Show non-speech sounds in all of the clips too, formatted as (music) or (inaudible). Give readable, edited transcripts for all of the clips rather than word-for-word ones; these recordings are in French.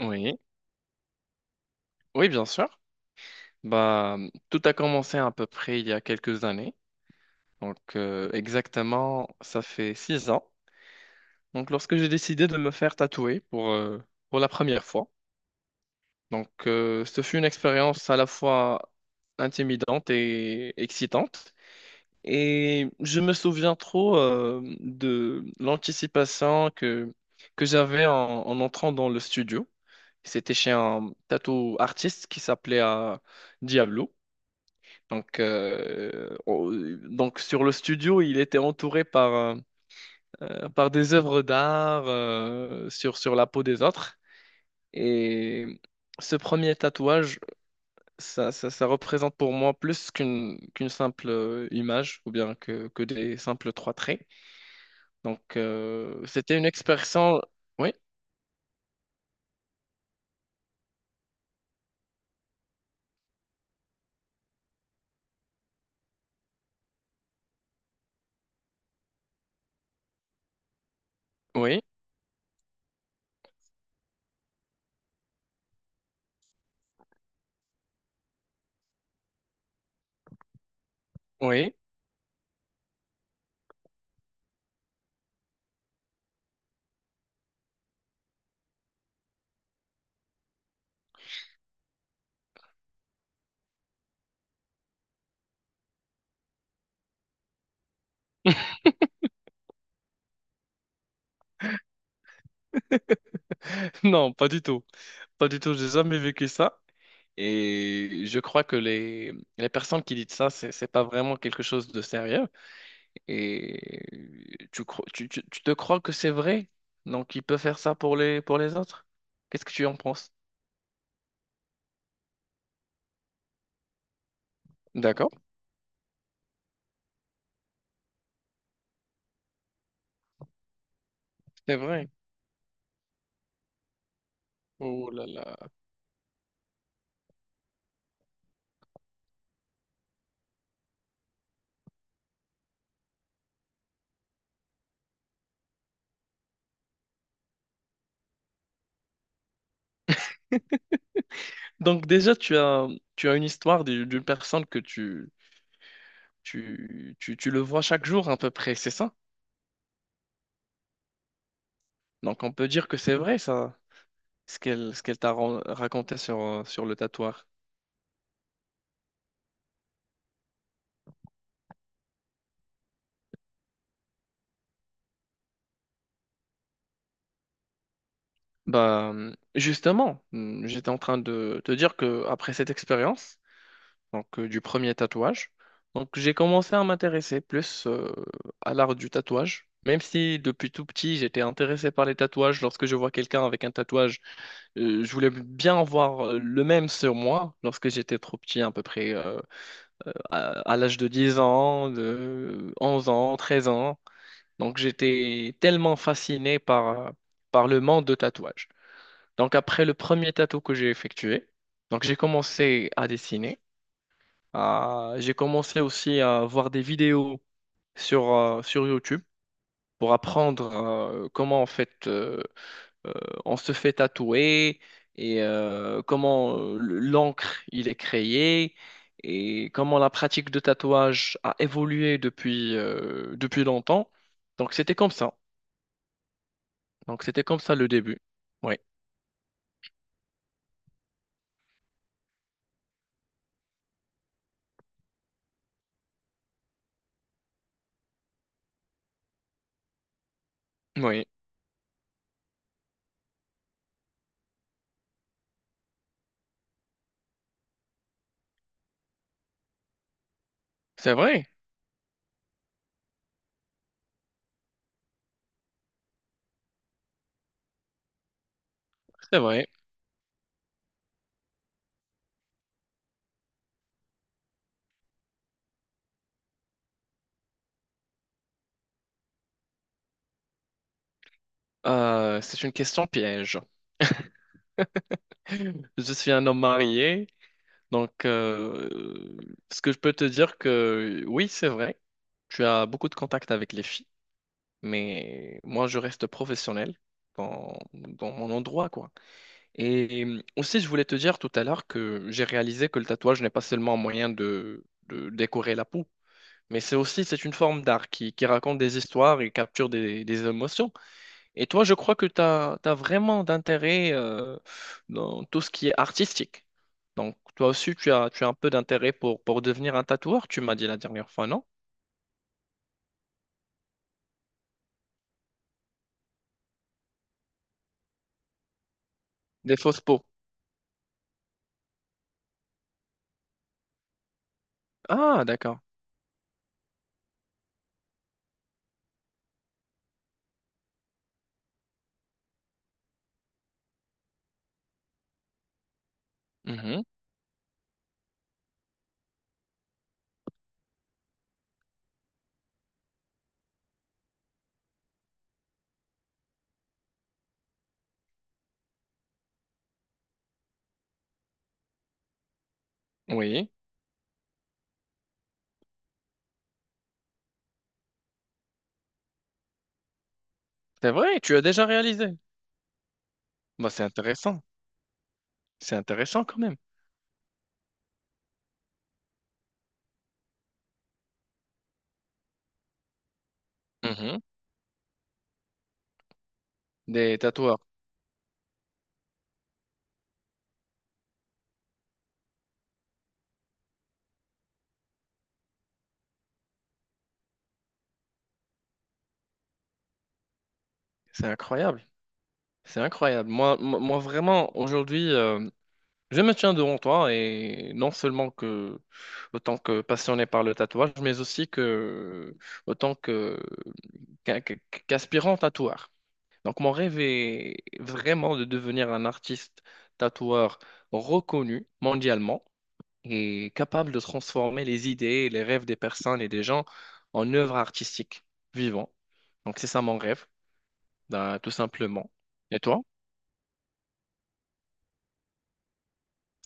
Oui, oui, bien sûr. Tout a commencé à peu près il y a quelques années. Exactement, ça fait six ans. Donc, lorsque j'ai décidé de me faire tatouer pour la première fois. Ce fut une expérience à la fois intimidante et excitante. Et je me souviens trop de l'anticipation que j'avais en entrant dans le studio. C'était chez un tatou artiste qui s'appelait Diablo. Donc, euh, on- donc sur le studio, il était entouré par des œuvres d'art sur la peau des autres. Et ce premier tatouage, ça représente pour moi plus qu'une simple image ou bien que des simples trois traits. C'était une expérience... Oui, oui, oui. (laughs) Non, pas du tout. Pas du tout, j'ai jamais vécu ça. Et je crois que les personnes qui disent ça, c'est pas vraiment quelque chose de sérieux. Et tu te crois que c'est vrai? Donc, il peut faire ça pour pour les autres? Qu'est-ce que tu en penses? D'accord, c'est vrai. Oh là là. Donc, déjà, tu as une histoire d'une personne que tu le vois chaque jour à peu près, c'est ça? Donc, on peut dire que c'est vrai, ça, ce qu'elle raconté sur le tatouage. Justement, hmm, j'étais en train de te dire que après cette expérience, du premier tatouage, donc j'ai commencé à m'intéresser plus à l'art du tatouage. Même si depuis tout petit j'étais intéressé par les tatouages, lorsque je vois quelqu'un avec un tatouage, je voulais bien en voir le même sur moi lorsque j'étais trop petit, à peu près à l'âge de 10 ans, de 11 ans, 13 ans. Donc j'étais tellement fasciné par le monde de tatouage. Donc après le premier tatou que j'ai effectué, donc j'ai commencé à dessiner. J'ai commencé aussi à voir des vidéos sur YouTube pour apprendre comment en fait euh, on se fait tatouer et comment l'encre il est créé et comment la pratique de tatouage a évolué depuis longtemps. Donc c'était comme ça. Donc c'était comme ça le début. Oui, oui, c'est vrai, c'est vrai. C'est une question piège. Je suis un homme marié, donc euh, ce que je peux te dire que oui, c'est vrai, tu as beaucoup de contacts avec les filles, mais moi je reste professionnel dans mon endroit, quoi. Et aussi, je voulais te dire tout à l'heure que j'ai réalisé que le tatouage n'est pas seulement un moyen de décorer la peau, mais c'est une forme d'art qui raconte des histoires et capture des émotions. Et toi, je crois que tu as vraiment d'intérêt dans tout ce qui est artistique. Donc, toi aussi, tu as un peu d'intérêt pour devenir un tatoueur, tu m'as dit la dernière fois, non? Des fausses peaux. Ah, d'accord. Mhm. Oui, c'est vrai, tu as déjà réalisé. Bah, c'est intéressant. C'est intéressant quand même. Mhm. Des tatoueurs. C'est incroyable. C'est incroyable. Moi, vraiment, aujourd'hui, je me tiens devant toi et non seulement que autant que passionné par le tatouage, mais aussi que autant que qu'un- qu'un- qu'aspirant tatoueur. Donc mon rêve est vraiment de devenir un artiste tatoueur reconnu mondialement et capable de transformer les idées et les rêves des personnes et des gens en œuvres artistiques vivantes. Donc c'est ça mon rêve, ben, tout simplement. Et toi?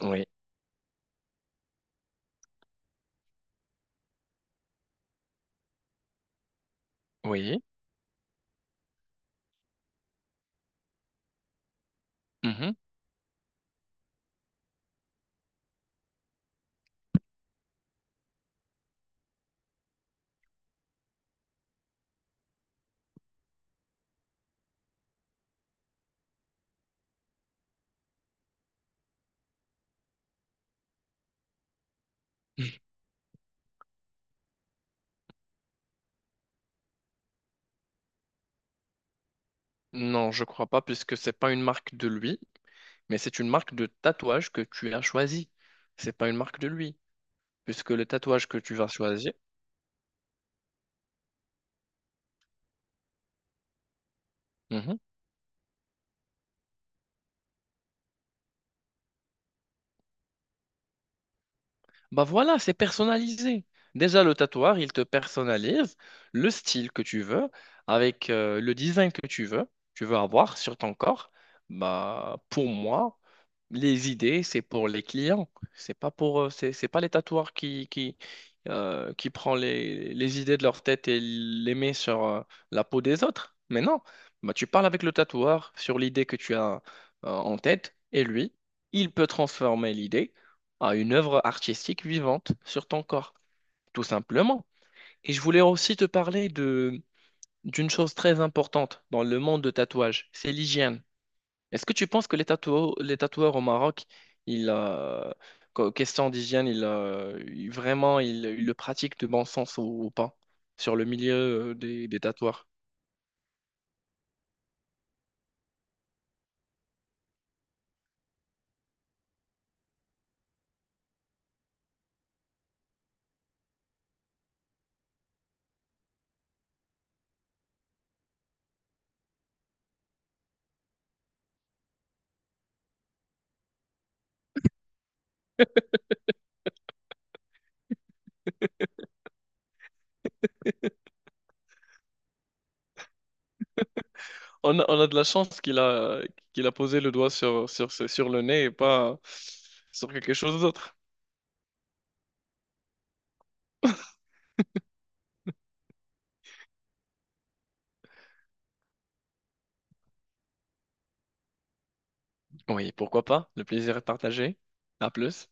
Oui, oui. Mhm. Non, je crois pas, puisque c'est pas une marque de lui, mais c'est une marque de tatouage que tu as choisi. C'est pas une marque de lui, puisque le tatouage que tu vas choisir, Mhm. Bah voilà, c'est personnalisé. Déjà, le tatouage, il te personnalise le style que tu veux, avec le design que tu veux avoir sur ton corps. Bah, pour moi, les idées, c'est pour les clients. C'est pas pour, c'est pas les tatoueurs qui prend les idées de leur tête et les met sur la peau des autres. Mais non, bah, tu parles avec le tatoueur sur l'idée que tu as en tête et lui, il peut transformer l'idée à une œuvre artistique vivante sur ton corps, tout simplement. Et je voulais aussi te parler de d'une chose très importante dans le monde de tatouage, c'est l'hygiène. Est-ce que tu penses que les tatoueurs au Maroc, ils, euh, question d'hygiène, vraiment, ils le pratiquent de bon sens ou pas sur le milieu des tatoueurs? On a de la chance qu'il a, qu'il a posé le doigt sur le nez et pas sur quelque chose d'autre. Oui, pourquoi pas? Le plaisir est partagé. À plus.